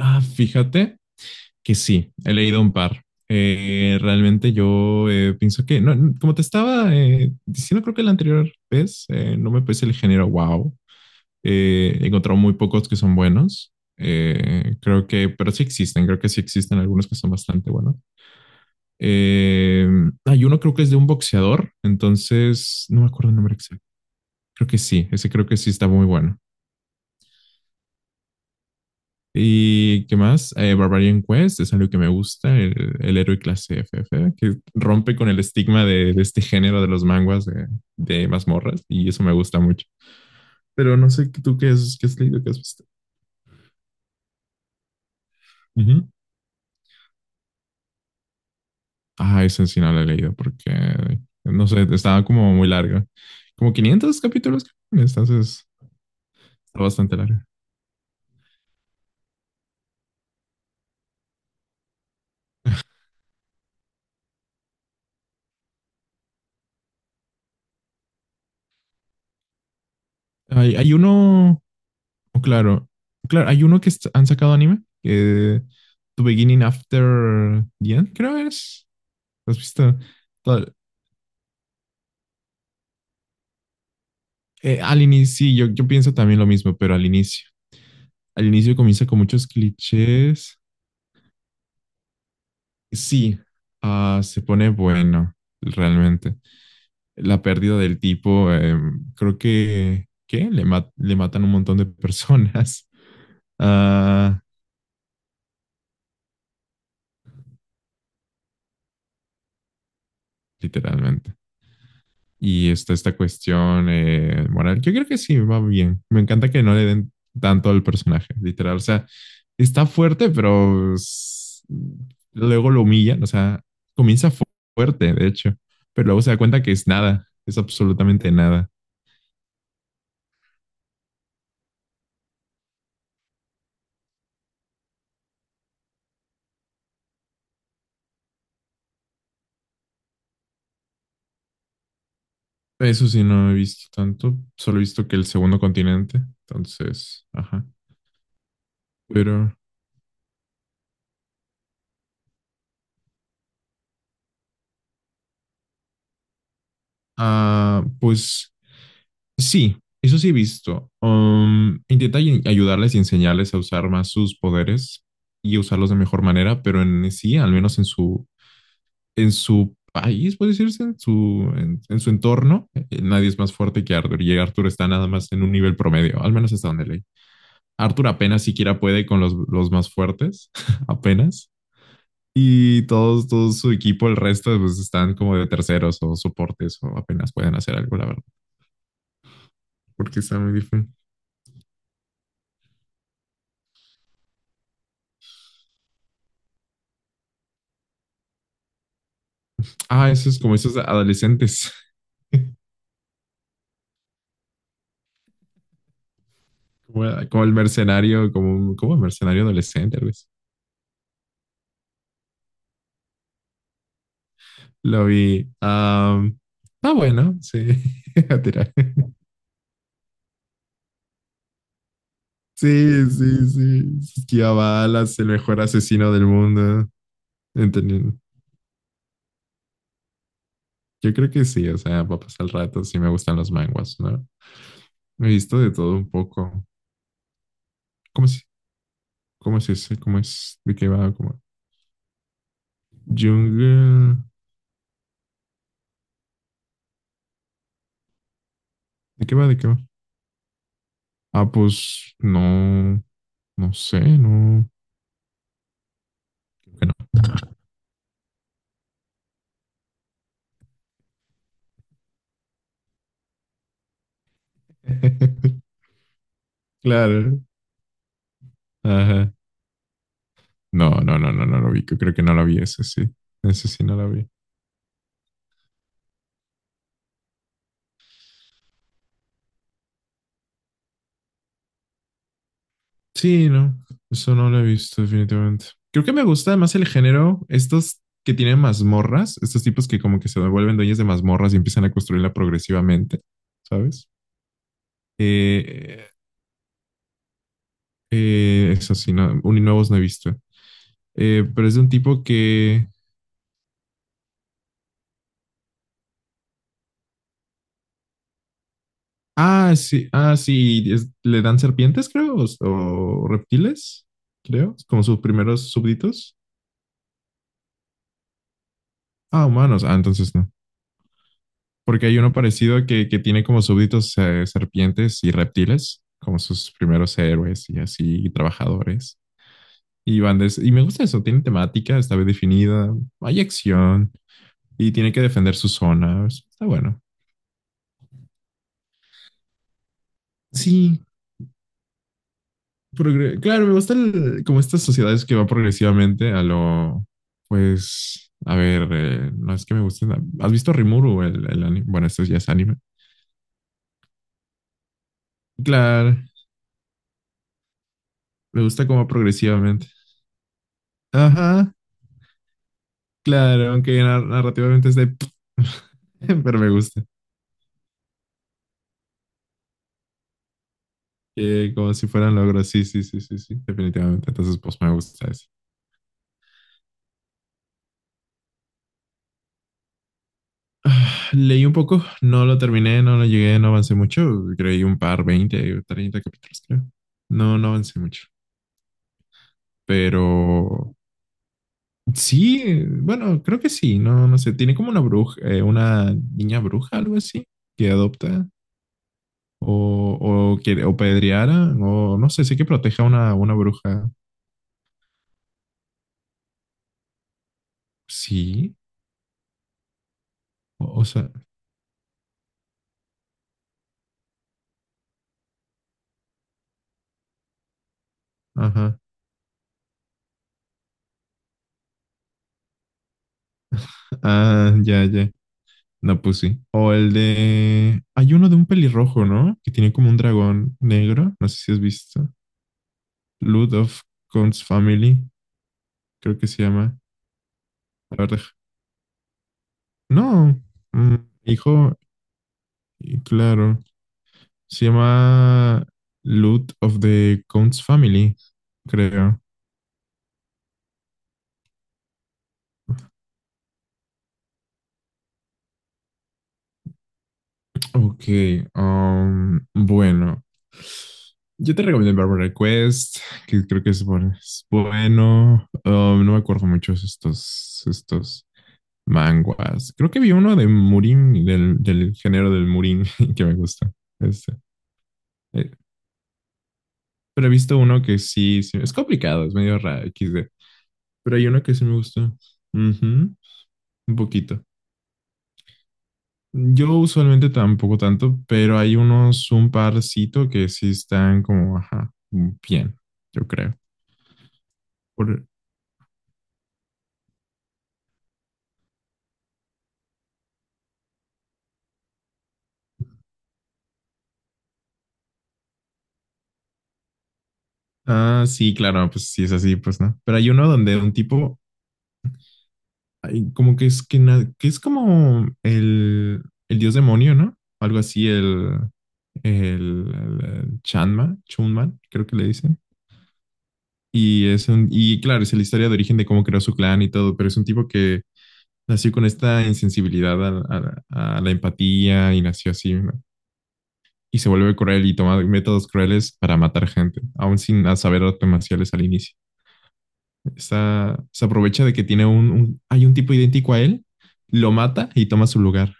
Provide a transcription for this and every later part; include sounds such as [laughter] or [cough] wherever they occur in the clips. Ah, fíjate que sí, he leído un par. Realmente yo pienso que, no, no, como te estaba diciendo, creo que la anterior vez, no me parece el género wow. He encontrado muy pocos que son buenos. Creo que, pero sí existen, creo que sí existen algunos que son bastante buenos. Eh, Hay uno creo que es de un boxeador, entonces no me acuerdo el nombre exacto. Creo que sí, ese creo que sí está muy bueno. ¿Y qué más? Barbarian Quest es algo que me gusta, el héroe clase FF, que rompe con el estigma de este género de los manguas de mazmorras, y eso me gusta mucho. Pero no sé tú qué, es, qué has leído, qué has visto. Ujú. Ah, ese sí no lo he leído porque, no sé, estaba como muy larga. Como 500 capítulos, entonces está bastante larga. Hay uno, oh, claro, claro, hay uno que han sacado anime, que. To Beginning After the End, creo es. ¿Has visto? Tal- Al inicio, sí, yo pienso también lo mismo, pero al inicio. Al inicio comienza con muchos clichés. Sí, ah, se pone bueno, realmente. La pérdida del tipo, creo que, ¿qué? Le matan un montón de personas, [laughs] ah, literalmente. Y está esta cuestión moral. Yo creo que sí, va bien. Me encanta que no le den tanto al personaje, literal. O sea, está fuerte, pero luego lo humillan. O sea, comienza fuerte, de hecho, pero luego se da cuenta que es nada, es absolutamente nada. Eso sí, no he visto tanto. Solo he visto que el segundo continente. Entonces, ajá. Pero, ah, pues sí, eso sí he visto. Intenta ayudarles y enseñarles a usar más sus poderes y usarlos de mejor manera, pero en sí, al menos en su país, puede decirse, en su entorno, nadie es más fuerte que Arthur y Arthur está nada más en un nivel promedio, al menos hasta donde leí. Arthur apenas siquiera puede con los más fuertes, [laughs] apenas. Y todos, todo su equipo, el resto, pues están como de terceros o soportes o apenas pueden hacer algo, la verdad, porque está muy difícil. Ah, eso es como esos adolescentes. [laughs] Como el mercenario, como el mercenario adolescente, algo así. Lo vi. Ah, bueno, sí. [laughs] A tirar. Sí, sí, sí. Se esquivaba balas, el mejor asesino del mundo. Entendido. Yo creo que sí, o sea, va a pasar el rato, sí me gustan los manguas, ¿no? He visto de todo un poco. ¿Cómo es? ¿Cómo es ese? ¿Cómo es? ¿De qué va? ¿Cómo? Jungle. ¿De qué va? ¿De qué va? Ah, pues no, no sé, no. [laughs] Claro. Ajá. No, no, no, no, no lo vi. Creo que no la vi, ese sí. Ese sí no la vi. Sí, no. Eso no lo he visto, definitivamente. Creo que me gusta más el género, estos que tienen mazmorras, estos tipos que como que se vuelven dueños de mazmorras y empiezan a construirla progresivamente, ¿sabes? Eh, Eso sí, no, nuevos no he visto. Pero es de un tipo que ah, sí, ah, sí, le dan serpientes, creo, o reptiles, creo, como sus primeros súbditos. Ah, humanos, ah, entonces no. Porque hay uno parecido que tiene como súbditos serpientes y reptiles, como sus primeros héroes y así, y trabajadores. Y y me gusta eso, tiene temática, está bien definida, hay acción y tiene que defender sus zonas. Está bueno. Sí, claro, me gustan como estas sociedades que van progresivamente a lo, pues, a ver, no es que me gusten. ¿Has visto Rimuru, el anime? Bueno, esto ya es anime. Claro, me gusta como progresivamente. Ajá, claro, aunque narrativamente es de. [laughs] Pero me gusta. Como si fueran logros, sí, sí, sí, sí, sí, definitivamente. Entonces, pues me gusta eso. Leí un poco, no lo terminé, no lo llegué, no avancé mucho. Creí un par, 20 o 30 capítulos, creo. No, no avancé mucho. Pero sí, bueno, creo que sí, no, no sé, tiene como una bruja, una niña bruja, algo así, que adopta o, o que o pedreara, o no sé, sé que proteja a una bruja. Sí, o sea, ajá, ah, ya, ya, no, pues sí. O el de, hay uno de un pelirrojo, ¿no? Que tiene como un dragón negro, no sé si has visto. Lord of Con's Family, creo que se llama. A ver, no, mm, hijo, y claro. Se llama Loot of the Counts Family, creo. Ok, bueno. Yo te recomiendo Barbara Request, que creo que es bueno. Es bueno. No me acuerdo muchos estos manguas. Creo que vi uno de Murin, del género del Murin, [laughs] que me gusta. Este, eh, pero he visto uno que sí, sí, es complicado, es medio raro, XD. Pero hay uno que sí me gusta. Ujú. Un poquito. Yo usualmente tampoco tanto, pero hay unos, un parcito que sí están como, ajá, bien, yo creo. Por- Ah, sí, claro, pues sí es así, pues no. Pero hay uno donde un tipo, ay, como que es que, que es como el dios demonio, ¿no? Algo así, el, el Chanma, Chunman, creo que le dicen. Y es un, y claro, es la historia de origen de cómo creó su clan y todo, pero es un tipo que nació con esta insensibilidad a la empatía y nació así, ¿no? Y se vuelve cruel y toma métodos crueles para matar gente, aún sin saber artes marciales al inicio. Se aprovecha de que tiene hay un tipo idéntico a él, lo mata y toma su lugar.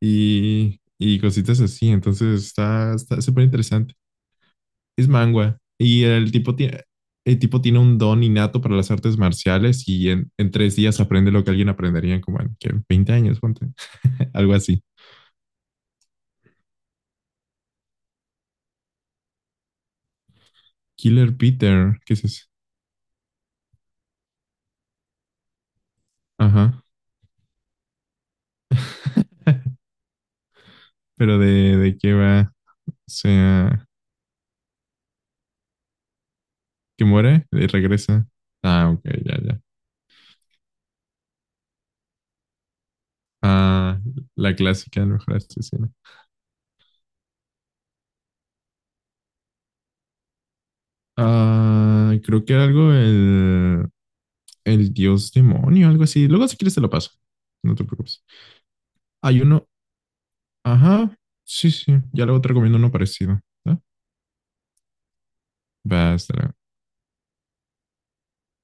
Y cositas así, entonces está súper interesante. Es manga. Y el tipo tiene un don innato para las artes marciales y en 3 días aprende lo que alguien aprendería en como en ¿qué? 20 años, ponte. [laughs] Algo así. Killer Peter, ¿qué es eso? Ajá. [laughs] Pero de qué va, o sea, que muere y regresa. Ah, ok, ya, ya. Ah, la clásica del mejor asesino. Ah, creo que era algo el dios demonio, algo así. Luego si quieres te lo paso, no te preocupes. Hay uno, ajá, sí, sí, ya luego te recomiendo uno parecido. ¿No? Va, hasta luego.